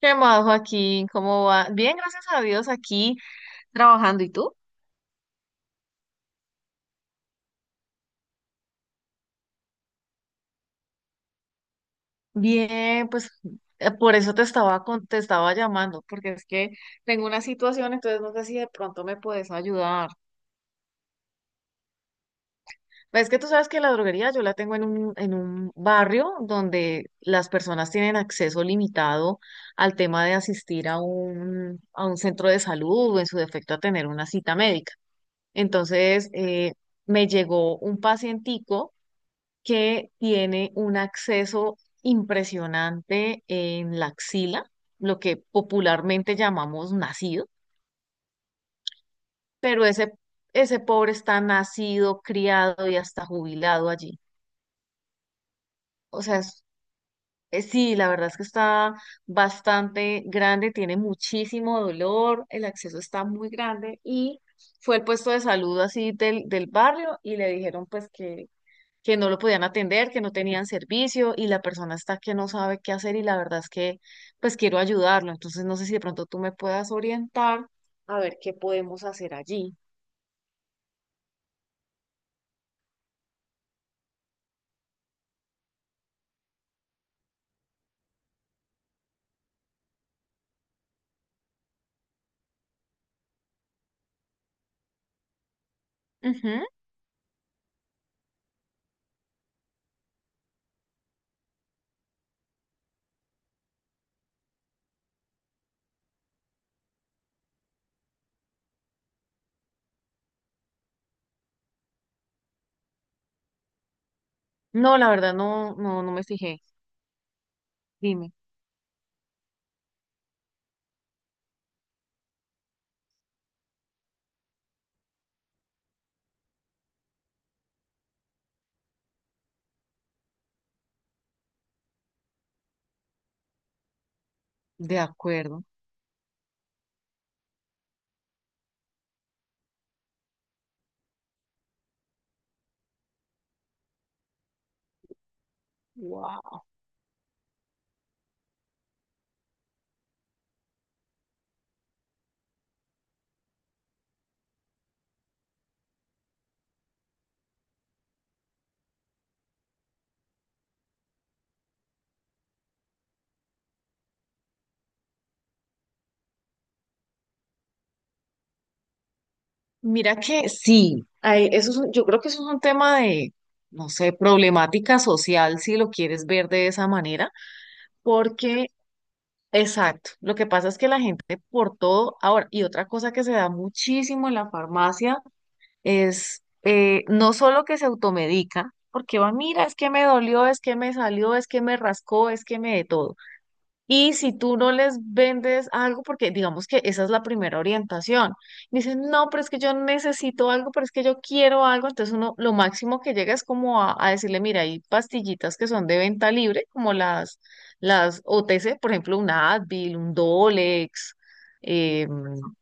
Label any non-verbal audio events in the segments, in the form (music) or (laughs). ¿Qué más, Joaquín? ¿Cómo va? Bien, gracias a Dios, aquí trabajando. ¿Y tú? Bien, pues por eso te estaba te estaba llamando, porque es que tengo una situación, entonces no sé si de pronto me puedes ayudar. Ves que tú sabes que la droguería yo la tengo en en un barrio donde las personas tienen acceso limitado al tema de asistir a a un centro de salud o en su defecto a tener una cita médica. Entonces, me llegó un pacientico que tiene un acceso impresionante en la axila, lo que popularmente llamamos nacido, pero ese pobre está nacido, criado y hasta jubilado allí. O sea, sí, la verdad es que está bastante grande, tiene muchísimo dolor, el acceso está muy grande y fue el puesto de salud así del barrio y le dijeron pues que no lo podían atender, que no tenían servicio y la persona está que no sabe qué hacer y la verdad es que pues quiero ayudarlo. Entonces no sé si de pronto tú me puedas orientar a ver qué podemos hacer allí. Ujú. No, la verdad no, no, no me fijé. Dime. De acuerdo. Wow. Mira que sí, ay, eso es yo creo que eso es un tema de, no sé, problemática social, si lo quieres ver de esa manera, porque... Exacto. Lo que pasa es que la gente por todo, ahora, y otra cosa que se da muchísimo en la farmacia es no solo que se automedica, porque va, mira, es que me dolió, es que me salió, es que me rascó, es que me de todo. Y si tú no les vendes algo, porque digamos que esa es la primera orientación, dicen, no, pero es que yo necesito algo, pero es que yo quiero algo, entonces uno lo máximo que llega es como a decirle, mira, hay pastillitas que son de venta libre, como las OTC, por ejemplo, un Advil, un Dolex, eh,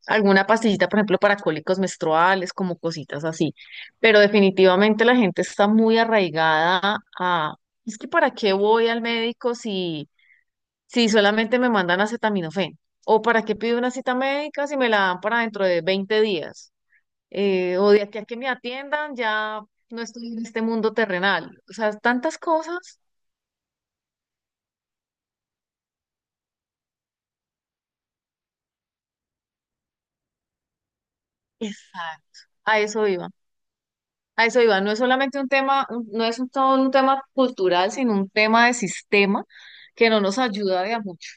alguna pastillita, por ejemplo, para cólicos menstruales, como cositas así. Pero definitivamente la gente está muy arraigada a, es que ¿para qué voy al médico si... si solamente me mandan acetaminofén? ¿O para qué pido una cita médica si me la dan para dentro de 20 días? O de aquí a que me atiendan, ya no estoy en este mundo terrenal. O sea, tantas cosas. Exacto. A eso iba. A eso iba. No es solamente un tema, no es todo un tema cultural, sino un tema de sistema que no nos ayuda de a mucho.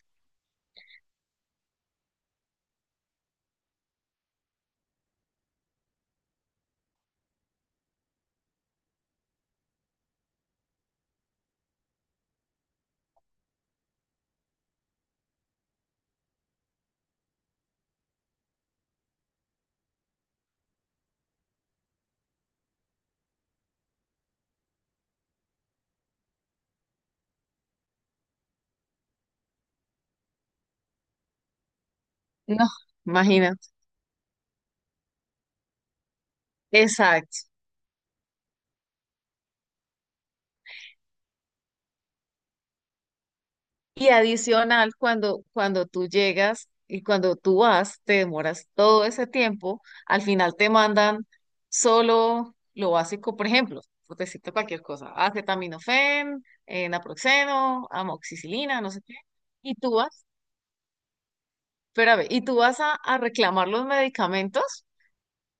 No, imagínate. Exacto. Y adicional, cuando tú llegas y cuando tú vas, te demoras todo ese tiempo, al final te mandan solo lo básico, por ejemplo, por decirte cualquier cosa, acetaminofén, naproxeno, amoxicilina, no sé qué, y tú vas, espérame, y tú vas a reclamar los medicamentos,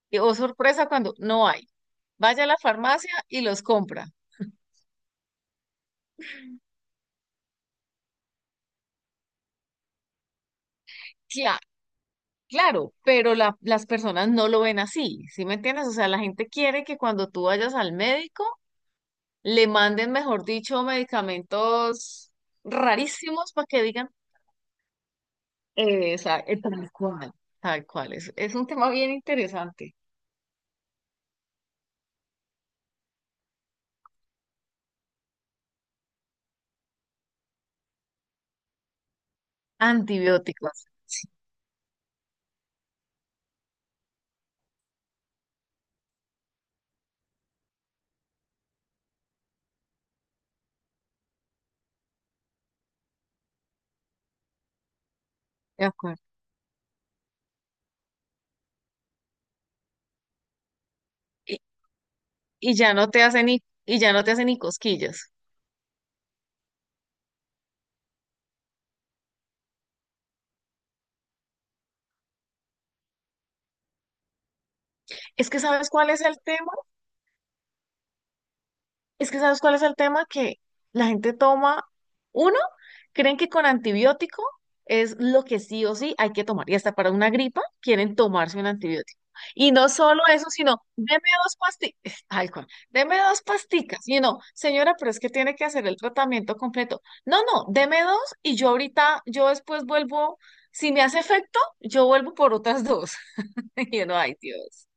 y oh sorpresa cuando no hay. Vaya a la farmacia y los compra. Claro, pero las personas no lo ven así, ¿sí me entiendes? O sea, la gente quiere que cuando tú vayas al médico le manden, mejor dicho, medicamentos rarísimos para que digan, o tal cual, tal cual. Es un tema bien interesante. Antibióticos, de acuerdo. Y, y ya no te hacen ni, y ya no te hacen ni cosquillas. Es que ¿sabes cuál es el tema? Es que ¿sabes cuál es el tema? Que la gente toma, uno, creen que con antibiótico es lo que sí o sí hay que tomar. Y hasta para una gripa quieren tomarse un antibiótico. Y no solo eso, sino, deme dos pastillas, tal cual, deme dos pasticas. Y no, señora, pero es que tiene que hacer el tratamiento completo. No, no, deme dos y yo ahorita, yo después vuelvo, si me hace efecto, yo vuelvo por otras dos. (laughs) Y no, ay Dios.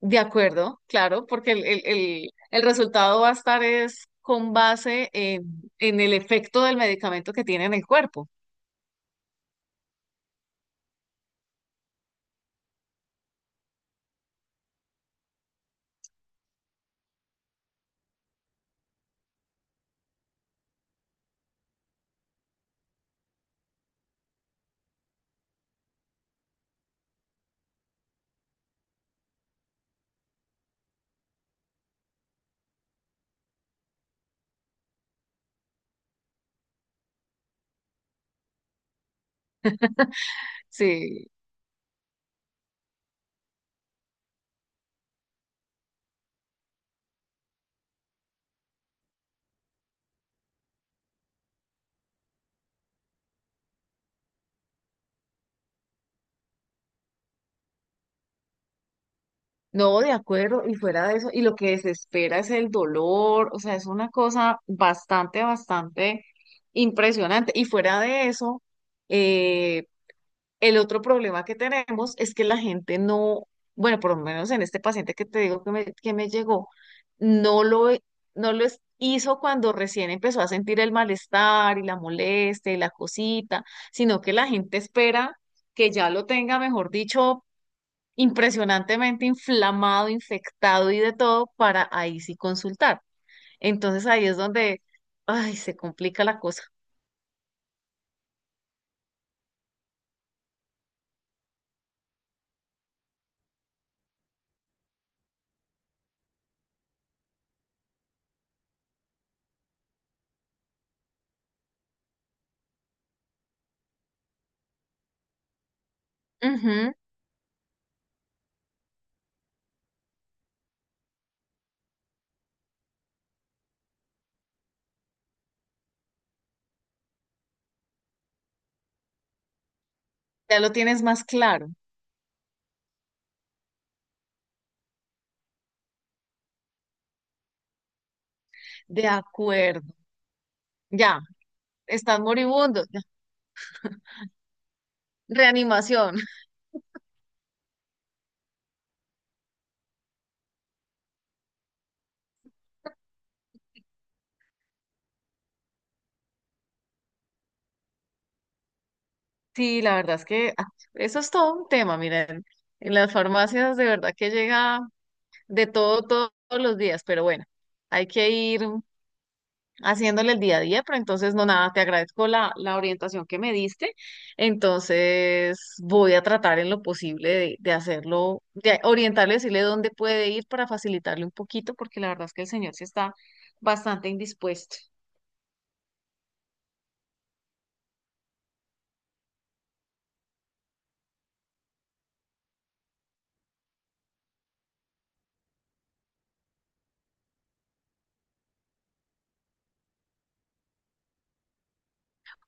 De acuerdo, claro, porque el resultado va a estar es con base en el efecto del medicamento que tiene en el cuerpo. Sí, no, de acuerdo, y fuera de eso, y lo que desespera es el dolor, o sea, es una cosa bastante, bastante impresionante. Y fuera de eso, eh, el otro problema que tenemos es que la gente no, bueno, por lo menos en este paciente que te digo que me llegó, no lo, e, no lo hizo cuando recién empezó a sentir el malestar y la molestia y la cosita, sino que la gente espera que ya lo tenga, mejor dicho, impresionantemente inflamado, infectado y de todo para ahí sí consultar. Entonces ahí es donde, ay, se complica la cosa. Ujú. Ya lo tienes más claro. De acuerdo. Ya. Están moribundos. Ya. Reanimación. (laughs) Sí, la verdad es que ah, eso es todo un tema, miren. En las farmacias de verdad que llega de todo, todos los días, pero bueno, hay que ir haciéndole el día a día, pero entonces no nada, te agradezco la orientación que me diste. Entonces voy a tratar en lo posible de hacerlo, de orientarle, decirle dónde puede ir para facilitarle un poquito, porque la verdad es que el señor sí está bastante indispuesto.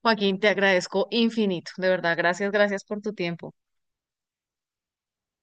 Joaquín, te agradezco infinito, de verdad, gracias, gracias por tu tiempo.